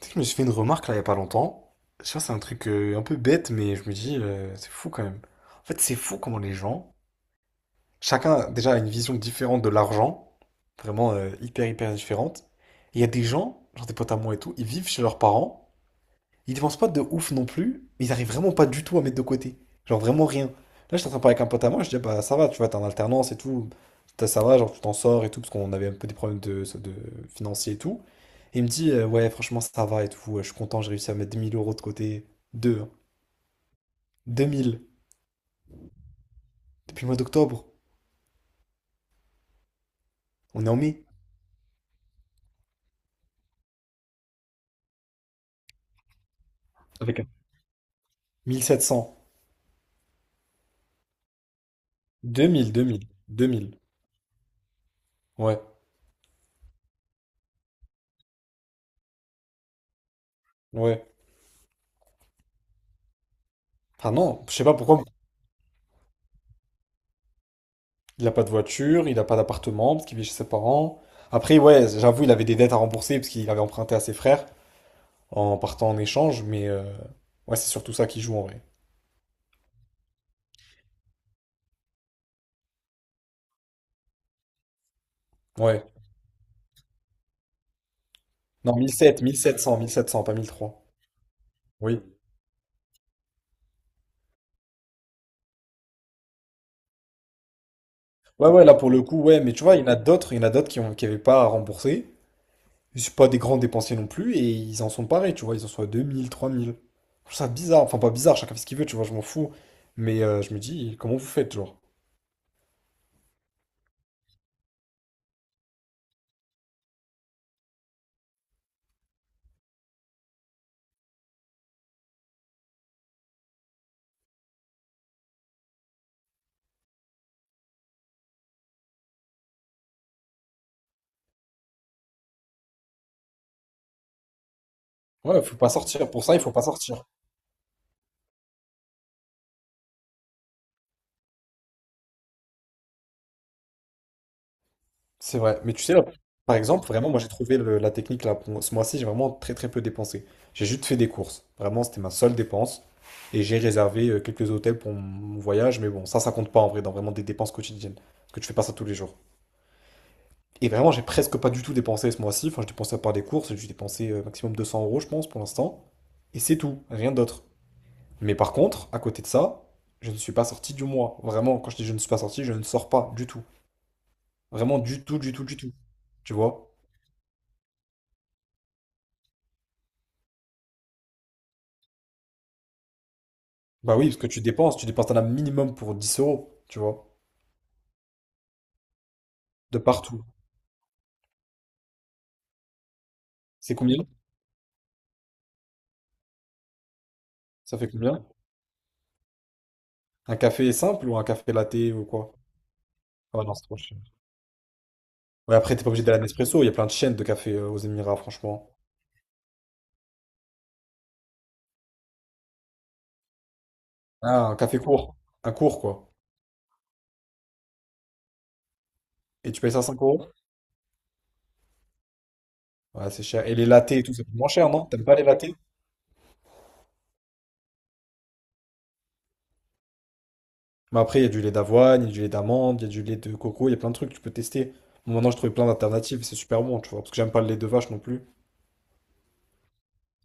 Tu sais que je me suis fait une remarque là il y a pas longtemps. Je sais pas, c'est un truc un peu bête, mais je me dis, c'est fou quand même. En fait, c'est fou comment les gens, chacun déjà a une vision différente de l'argent, vraiment hyper hyper différente. Et il y a des gens, genre des potes à moi et tout, ils vivent chez leurs parents, ils dépensent pas de ouf non plus, mais ils arrivent vraiment pas du tout à mettre de côté. Genre vraiment rien. Là, j'étais en train de parler avec un pote à moi, je dis, ah bah ça va, tu vois, t'es en alternance et tout. Ça va, genre tu t'en sors et tout, parce qu'on avait un peu des problèmes de financiers et tout. Et il me dit, ouais, franchement, ça va et tout, je suis content, j'ai réussi à mettre 2 000 € de côté. Deux, hein. Deux mille, depuis le mois d'octobre, on est en mai. Avec un mille, sept cents. Deux mille, deux mille, deux mille. Ouais, ouais. Ah non, je sais pas pourquoi. Il a pas de voiture, il a pas d'appartement parce qu'il vit chez ses parents. Après, ouais, j'avoue, il avait des dettes à rembourser parce qu'il avait emprunté à ses frères en partant en échange, mais ouais, c'est surtout ça qui joue en vrai. Ouais. Non, 1700, 1700, 1700, pas 1300. Oui. Ouais, ouais, là pour le coup, ouais, mais tu vois, il y en a d'autres, il y en a d'autres qui ont, qui avaient pas à rembourser. Ils sont pas des grands dépensiers non plus et ils en sont parés, tu vois, ils en sont à 2000, 3000. Je trouve ça bizarre, enfin pas bizarre, chacun fait ce qu'il veut, tu vois, je m'en fous. Mais je me dis, comment vous faites, genre? Ouais, faut pas sortir. Pour ça, il faut pas sortir. C'est vrai, mais tu sais, là, par exemple, vraiment, moi j'ai trouvé la technique là, pour ce mois-ci, j'ai vraiment très très peu dépensé. J'ai juste fait des courses. Vraiment, c'était ma seule dépense. Et j'ai réservé quelques hôtels pour mon voyage, mais bon, ça compte pas en vrai, dans vraiment des dépenses quotidiennes. Parce que tu fais pas ça tous les jours. Et vraiment, j'ai presque pas du tout dépensé ce mois-ci. Enfin, j'ai dépensé à part des courses, j'ai dû dépenser maximum 200 euros, je pense, pour l'instant. Et c'est tout, rien d'autre. Mais par contre, à côté de ça, je ne suis pas sorti du mois. Vraiment, quand je dis je ne suis pas sorti, je ne sors pas du tout. Vraiment, du tout, du tout, du tout. Tu vois? Bah oui, parce que tu dépenses un as minimum pour 10 euros, tu vois, de partout. C'est combien? Ça fait combien? Un café simple ou un café latte ou quoi? Ah ouais, non, c'est trop cher. Ouais, après, t'es pas obligé d'aller à Nespresso, il y a plein de chaînes de café aux Émirats, franchement. Ah, un café court. Un court, quoi. Et tu payes ça 5 euros? Ouais, c'est cher. Et les lattés et tout, ça coûte moins cher, non? T'aimes pas les lattés? Mais après, il y a du lait d'avoine, il y a du lait d'amande, il y a du lait de coco, il y a plein de trucs que tu peux tester. Bon, maintenant, j'ai trouvé plein d'alternatives, c'est super bon, tu vois, parce que j'aime pas le lait de vache non plus.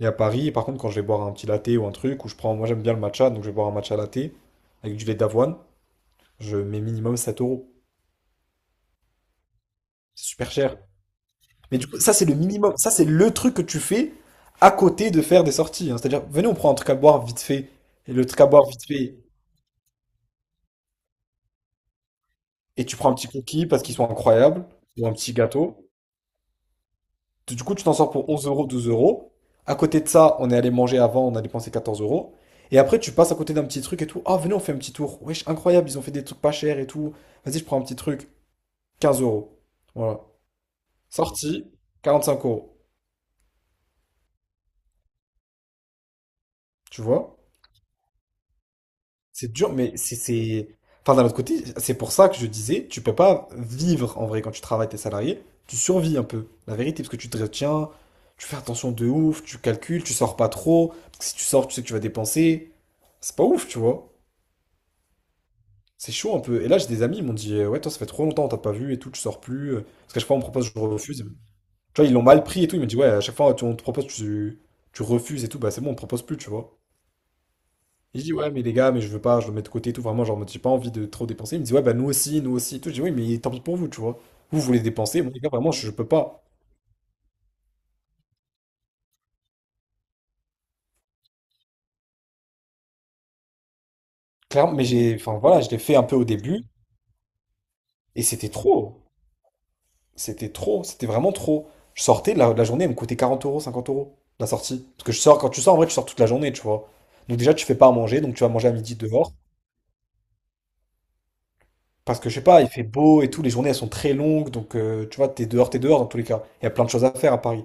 Et à Paris, par contre, quand je vais boire un petit latte ou un truc, ou je prends, moi j'aime bien le matcha, donc je vais boire un matcha latte avec du lait d'avoine, je mets minimum 7 euros. C'est super cher. Mais du coup, ça c'est le minimum, ça c'est le truc que tu fais à côté de faire des sorties, hein. C'est-à-dire, venez, on prend un truc à boire vite fait, et le truc à boire vite fait, et tu prends un petit cookie parce qu'ils sont incroyables, ou un petit gâteau. Du coup, tu t'en sors pour 11 euros, 12 euros. À côté de ça, on est allé manger avant, on a dépensé 14 euros. Et après, tu passes à côté d'un petit truc et tout. Ah, venez, on fait un petit tour. Wesh, incroyable, ils ont fait des trucs pas chers et tout. Vas-y, je prends un petit truc. Quinze euros. Voilà. Sorti, cinq euros. Tu vois? C'est dur, mais c'est. Enfin, d'un autre côté, c'est pour ça que je disais, tu peux pas vivre en vrai quand tu travailles, t'es salarié, tu survis un peu, la vérité, parce que tu te retiens, tu fais attention de ouf, tu calcules, tu sors pas trop, parce que si tu sors, tu sais que tu vas dépenser, c'est pas ouf, tu vois. C'est chaud un peu. Et là, j'ai des amis, ils m'ont dit, ouais, toi, ça fait trop longtemps, on t'a pas vu et tout, tu sors plus, parce qu'à chaque fois, on me propose, je refuse. Tu vois, ils l'ont mal pris et tout, ils m'ont dit, ouais, à chaque fois, on te propose, tu refuses et tout, bah c'est bon, on te propose plus, tu vois. Et je dis ouais, mais les gars, mais je veux pas, je le mets de côté et tout. Vraiment, genre, en mode, j'ai pas envie de trop dépenser. Il me dit, ouais, bah nous aussi et tout. Je dis, oui, mais tant pis pour vous, tu vois. Vous voulez dépenser, moi, les gars, vraiment, je peux pas. Clairement, mais j'ai, enfin, voilà, je l'ai fait un peu au début et c'était trop. C'était trop, c'était vraiment trop. Je sortais, la journée, elle me coûtait 40 euros, 50 euros, la sortie. Parce que je sors, quand tu sors, en vrai, tu sors toute la journée, tu vois. Donc, déjà, tu fais pas à manger, donc tu vas manger à midi dehors. Parce que je sais pas, il fait beau et tout, les journées elles sont très longues, donc tu vois, t'es dehors dans tous les cas. Il y a plein de choses à faire à Paris.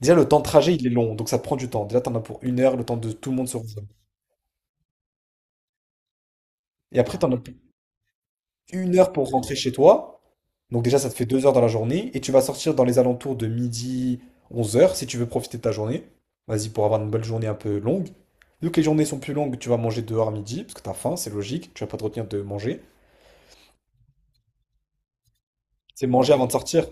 Déjà, le temps de trajet, il est long, donc ça te prend du temps. Déjà, t'en as pour 1 heure, le temps de tout le monde se rejoindre. Et après, t'en as pour une heure pour rentrer chez toi. Donc déjà, ça te fait 2 heures dans la journée. Et tu vas sortir dans les alentours de midi, 11 heures si tu veux profiter de ta journée. Vas-y, pour avoir une belle journée un peu longue. Vu que les journées sont plus longues, tu vas manger dehors à midi, parce que t'as faim, c'est logique. Tu vas pas te retenir de manger. C'est manger avant de sortir.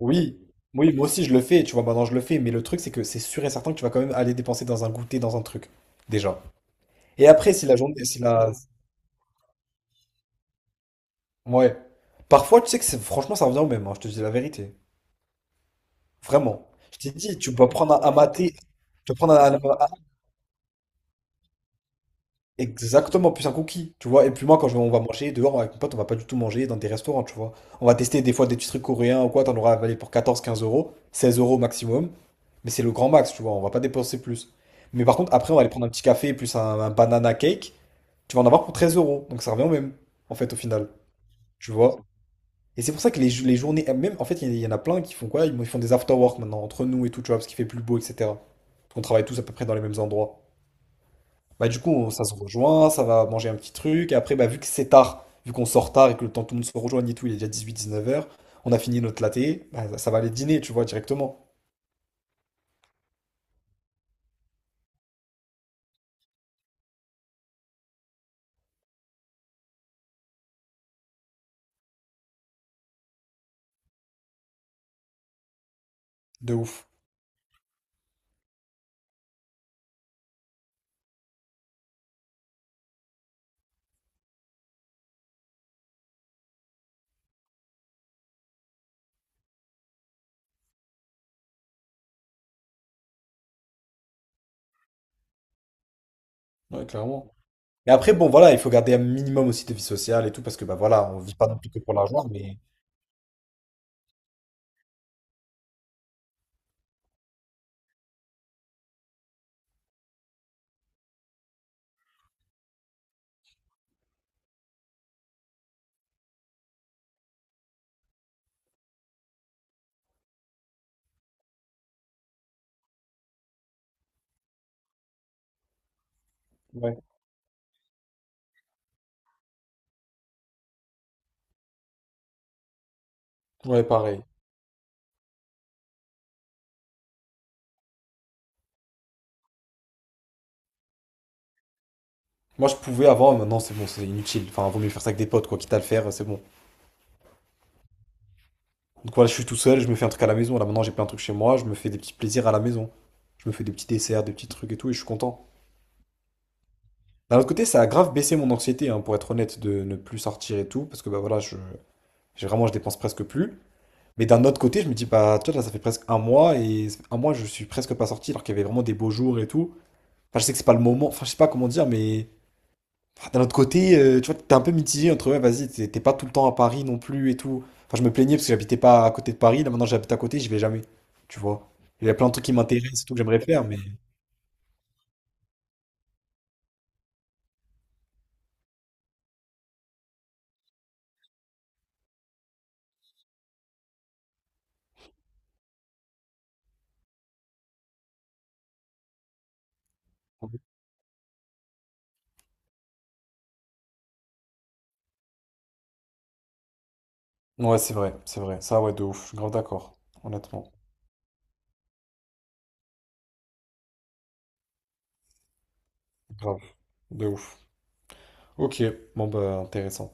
Oui, oui, moi aussi, je le fais. Tu vois, maintenant, je le fais. Mais le truc, c'est que c'est sûr et certain que tu vas quand même aller dépenser dans un goûter, dans un truc. Déjà. Et après, si la journée, si la, ouais. Parfois, tu sais que c'est franchement, ça revient au même, hein, je te dis la vérité. Vraiment. Je t'ai dit, tu peux prendre un maté, tu peux prendre exactement, plus un cookie, tu vois. Et puis moi, quand on va manger dehors avec mon pote, on va pas du tout manger dans des restaurants, tu vois. On va tester des fois des petits trucs coréens ou quoi, t'en auras avalé pour quatorze quinze euros, 16 € maximum. Mais c'est le grand max, tu vois, on va pas dépenser plus. Mais par contre, après, on va aller prendre un petit café plus un banana cake, tu vas en avoir pour 13 euros. Donc ça revient au même, en fait, au final. Tu vois. Et c'est pour ça que les journées, même en fait, il y en a plein qui font quoi? Ils font des after work maintenant, entre nous et tout, tu vois, parce qu'il fait plus beau, etc. Parce qu'on travaille tous à peu près dans les mêmes endroits. Bah, du coup, ça se rejoint, ça va manger un petit truc. Et après, bah, vu que c'est tard, vu qu'on sort tard et que le temps que tout le monde se rejoigne et tout, il est déjà 18 h - 19 h, on a fini notre latte, bah, ça va aller dîner, tu vois, directement. De ouf. Ouais, clairement. Et après, bon, voilà, il faut garder un minimum aussi de vie sociale et tout, parce que, bah, voilà, on vit pas non plus que pour l'argent, mais. Ouais. Ouais, pareil. Moi, je pouvais avant, maintenant, c'est bon, c'est inutile. Enfin, vaut mieux faire ça avec des potes, quoi. Quitte à le faire, c'est bon. Donc, voilà, je suis tout seul, je me fais un truc à la maison. Là, maintenant, j'ai plein de trucs chez moi, je me fais des petits plaisirs à la maison. Je me fais des petits desserts, des petits trucs et tout, et je suis content. D'un autre côté, ça a grave baissé mon anxiété, hein, pour être honnête, de ne plus sortir et tout, parce que, bah voilà, j'ai vraiment, je dépense presque plus. Mais d'un autre côté, je me dis, bah, tu vois, là, ça fait presque un mois, et un mois, je suis presque pas sorti, alors qu'il y avait vraiment des beaux jours et tout. Enfin, je sais que c'est pas le moment, enfin, je sais pas comment dire, mais d'un autre côté, tu vois, t'es un peu mitigé entre, ouais, vas-y, t'es pas tout le temps à Paris non plus et tout. Enfin, je me plaignais parce que j'habitais pas à côté de Paris. Là, maintenant, j'habite à côté, j'y vais jamais. Tu vois. Il y a plein de trucs qui m'intéressent et tout que j'aimerais faire, mais. Ouais, c'est vrai, c'est vrai. Ça, ouais, de ouf. Je suis grave d'accord. Honnêtement. Grave. De ouf. Ok. Bon, bah, intéressant.